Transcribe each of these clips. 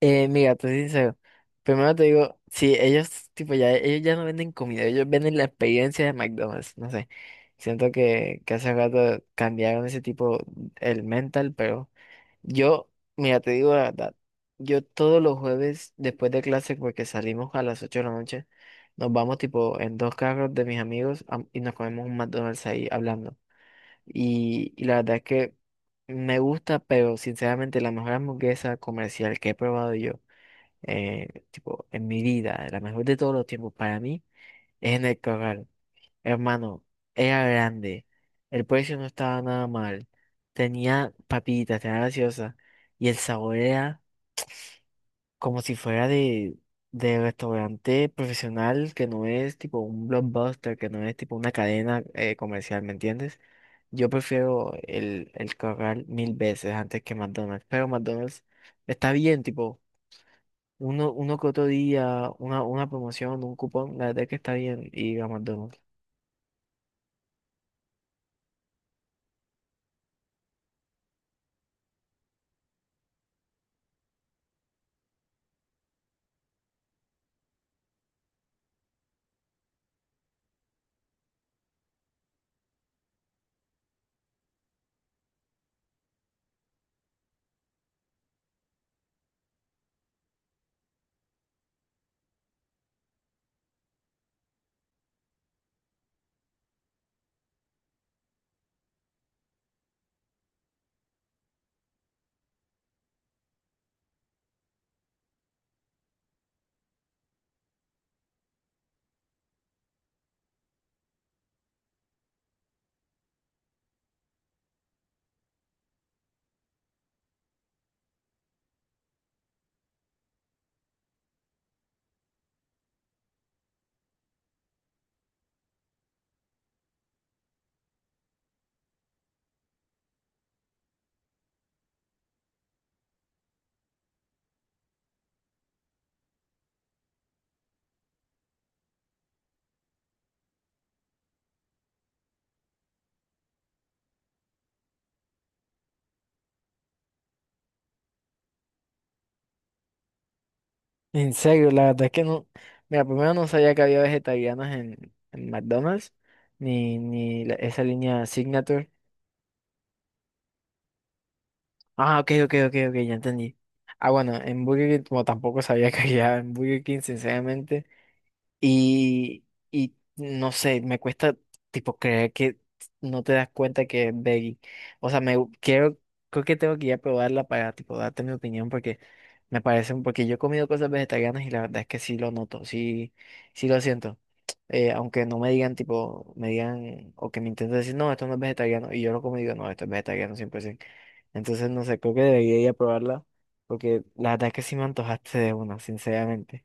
Mira, te soy sincero. Primero te digo, sí, ellos, tipo, ya, ellos ya no venden comida, ellos venden la experiencia de McDonald's, no sé. Siento que hace rato cambiaron ese tipo, el mental, pero yo, mira, te digo la verdad, yo todos los jueves después de clase, porque salimos a las 8 de la noche, nos vamos tipo en dos carros de mis amigos y nos comemos un McDonald's ahí hablando. Y la verdad es que me gusta, pero sinceramente la mejor hamburguesa comercial que he probado yo tipo, en mi vida, la mejor de todos los tiempos para mí, es en el corral. Hermano, era grande, el precio no estaba nada mal, tenía papitas, tenía gaseosa, y el sabor era como si fuera de restaurante profesional, que no es tipo un blockbuster, que no es tipo una cadena comercial, ¿me entiendes? Yo prefiero el corral mil veces antes que McDonald's, pero McDonald's está bien, tipo uno que otro día, una promoción, un cupón, la verdad es que está bien ir a McDonald's. En serio, la verdad es que no, mira, primero no sabía que había vegetarianos en McDonald's, ni esa línea Signature. Ah, ok, ok, ok, ok, ya entendí. Ah, bueno, en Burger King, como tampoco sabía que había en Burger King, sinceramente. Y, y no sé, me cuesta tipo creer que no te das cuenta que es veggie. O sea, quiero, creo que tengo que ir a probarla para tipo darte mi opinión porque me parece, porque yo he comido cosas vegetarianas y la verdad es que sí lo noto, sí, sí lo siento. Aunque no me digan tipo, me digan o que me intenten decir, no, esto no es vegetariano y yo lo como y digo, no, esto es vegetariano 100%. Entonces, no sé, creo que debería ir a probarla porque la verdad es que sí me antojaste de una, sinceramente.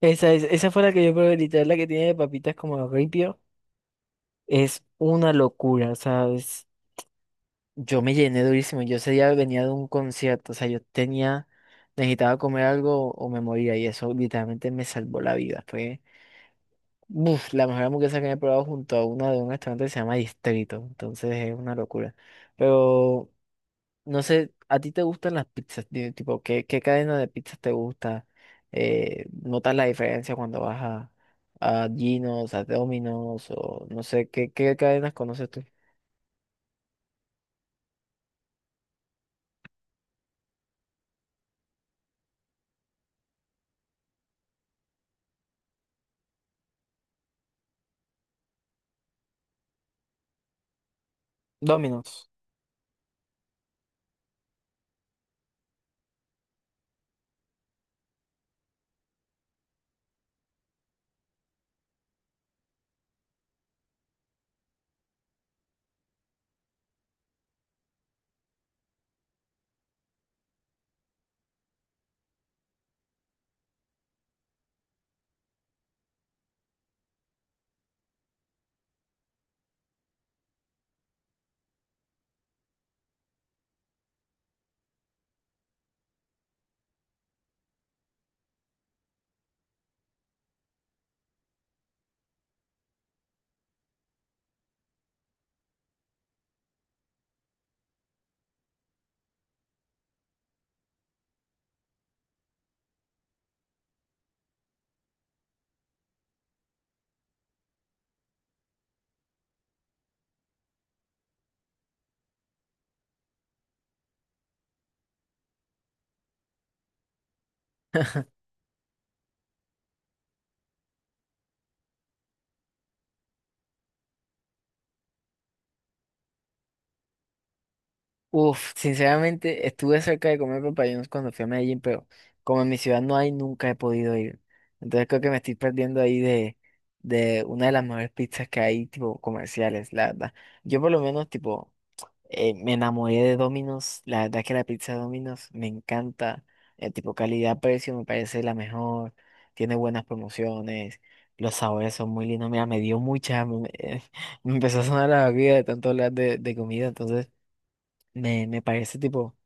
Esa, es, esa fue la que yo probé, literal, la que tiene papitas como ripio. Es una locura, ¿sabes? Yo me llené durísimo. Yo ese día venía de un concierto, o sea, yo tenía, necesitaba comer algo o me moría y eso literalmente me salvó la vida. Fue, uf, la mejor hamburguesa que me he probado junto a una de un restaurante que se llama Distrito. Entonces es una locura. Pero no sé, ¿a ti te gustan las pizzas? Dime, tipo, ¿qué, qué cadena de pizzas te gusta? ¿Notas la diferencia cuando vas a Gino's, a Domino's? O no sé, ¿qué, qué cadenas conoces tú? Domino's. Uf, sinceramente estuve cerca de comer papayón cuando fui a Medellín, pero como en mi ciudad no hay, nunca he podido ir. Entonces creo que me estoy perdiendo ahí de una de las mejores pizzas que hay, tipo comerciales, la verdad. Yo por lo menos, tipo, me enamoré de Domino's. La verdad que la pizza de Domino's me encanta. El tipo calidad-precio me parece la mejor. Tiene buenas promociones. Los sabores son muy lindos. Mira, me dio mucha hambre. Me empezó a sonar la barriga de tanto hablar de comida. Entonces, me parece tipo,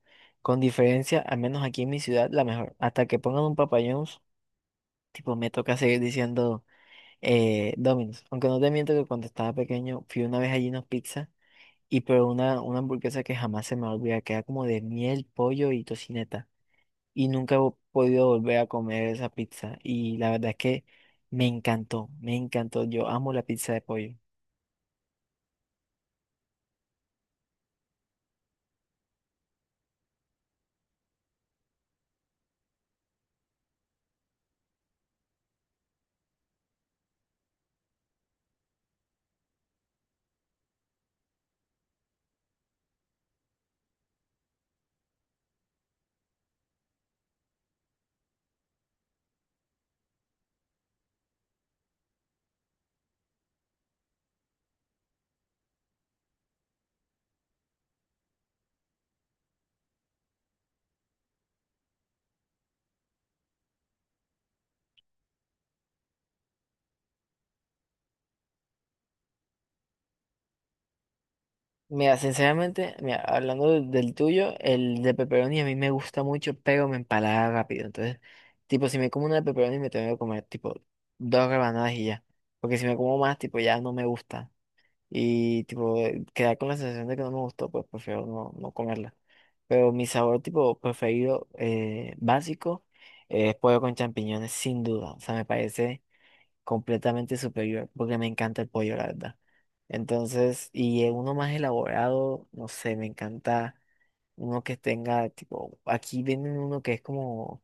con diferencia, al menos aquí en mi ciudad, la mejor. Hasta que pongan un Papa John's, tipo, me toca seguir diciendo Domino's. Aunque no te miento que cuando estaba pequeño fui una vez a Gino's Pizza. Y pero una hamburguesa que jamás se me olvida, que era como de miel, pollo y tocineta. Y nunca he podido volver a comer esa pizza. Y la verdad es que me encantó, me encantó. Yo amo la pizza de pollo. Mira, sinceramente, mira, hablando del tuyo, el de pepperoni a mí me gusta mucho, pero me empalaga rápido. Entonces, tipo, si me como una de pepperoni me tengo que comer, tipo, dos rebanadas y ya. Porque si me como más, tipo, ya no me gusta. Y tipo, quedar con la sensación de que no me gustó, pues prefiero no comerla. Pero mi sabor tipo preferido básico es pollo con champiñones, sin duda. O sea, me parece completamente superior porque me encanta el pollo, la verdad. Entonces, y uno más elaborado, no sé, me encanta uno que tenga, tipo, aquí venden uno que es como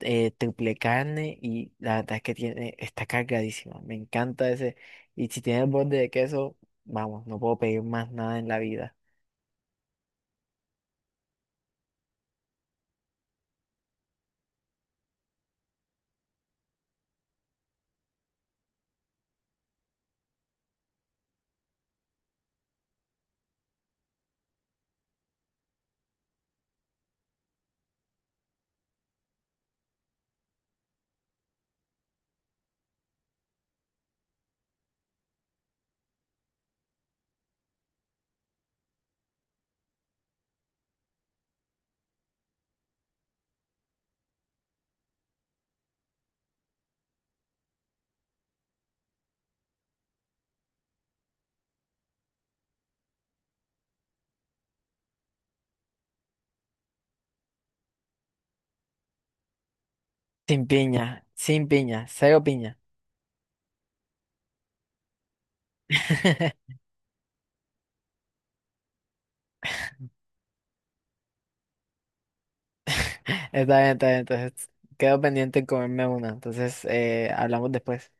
triple carne y la verdad es que tiene, está cargadísima. Me encanta ese. Y si tiene el borde de queso, vamos, no puedo pedir más nada en la vida. Sin piña, sin piña, cero piña. Está bien, está bien. Entonces, quedo pendiente en comerme una. Entonces, hablamos después.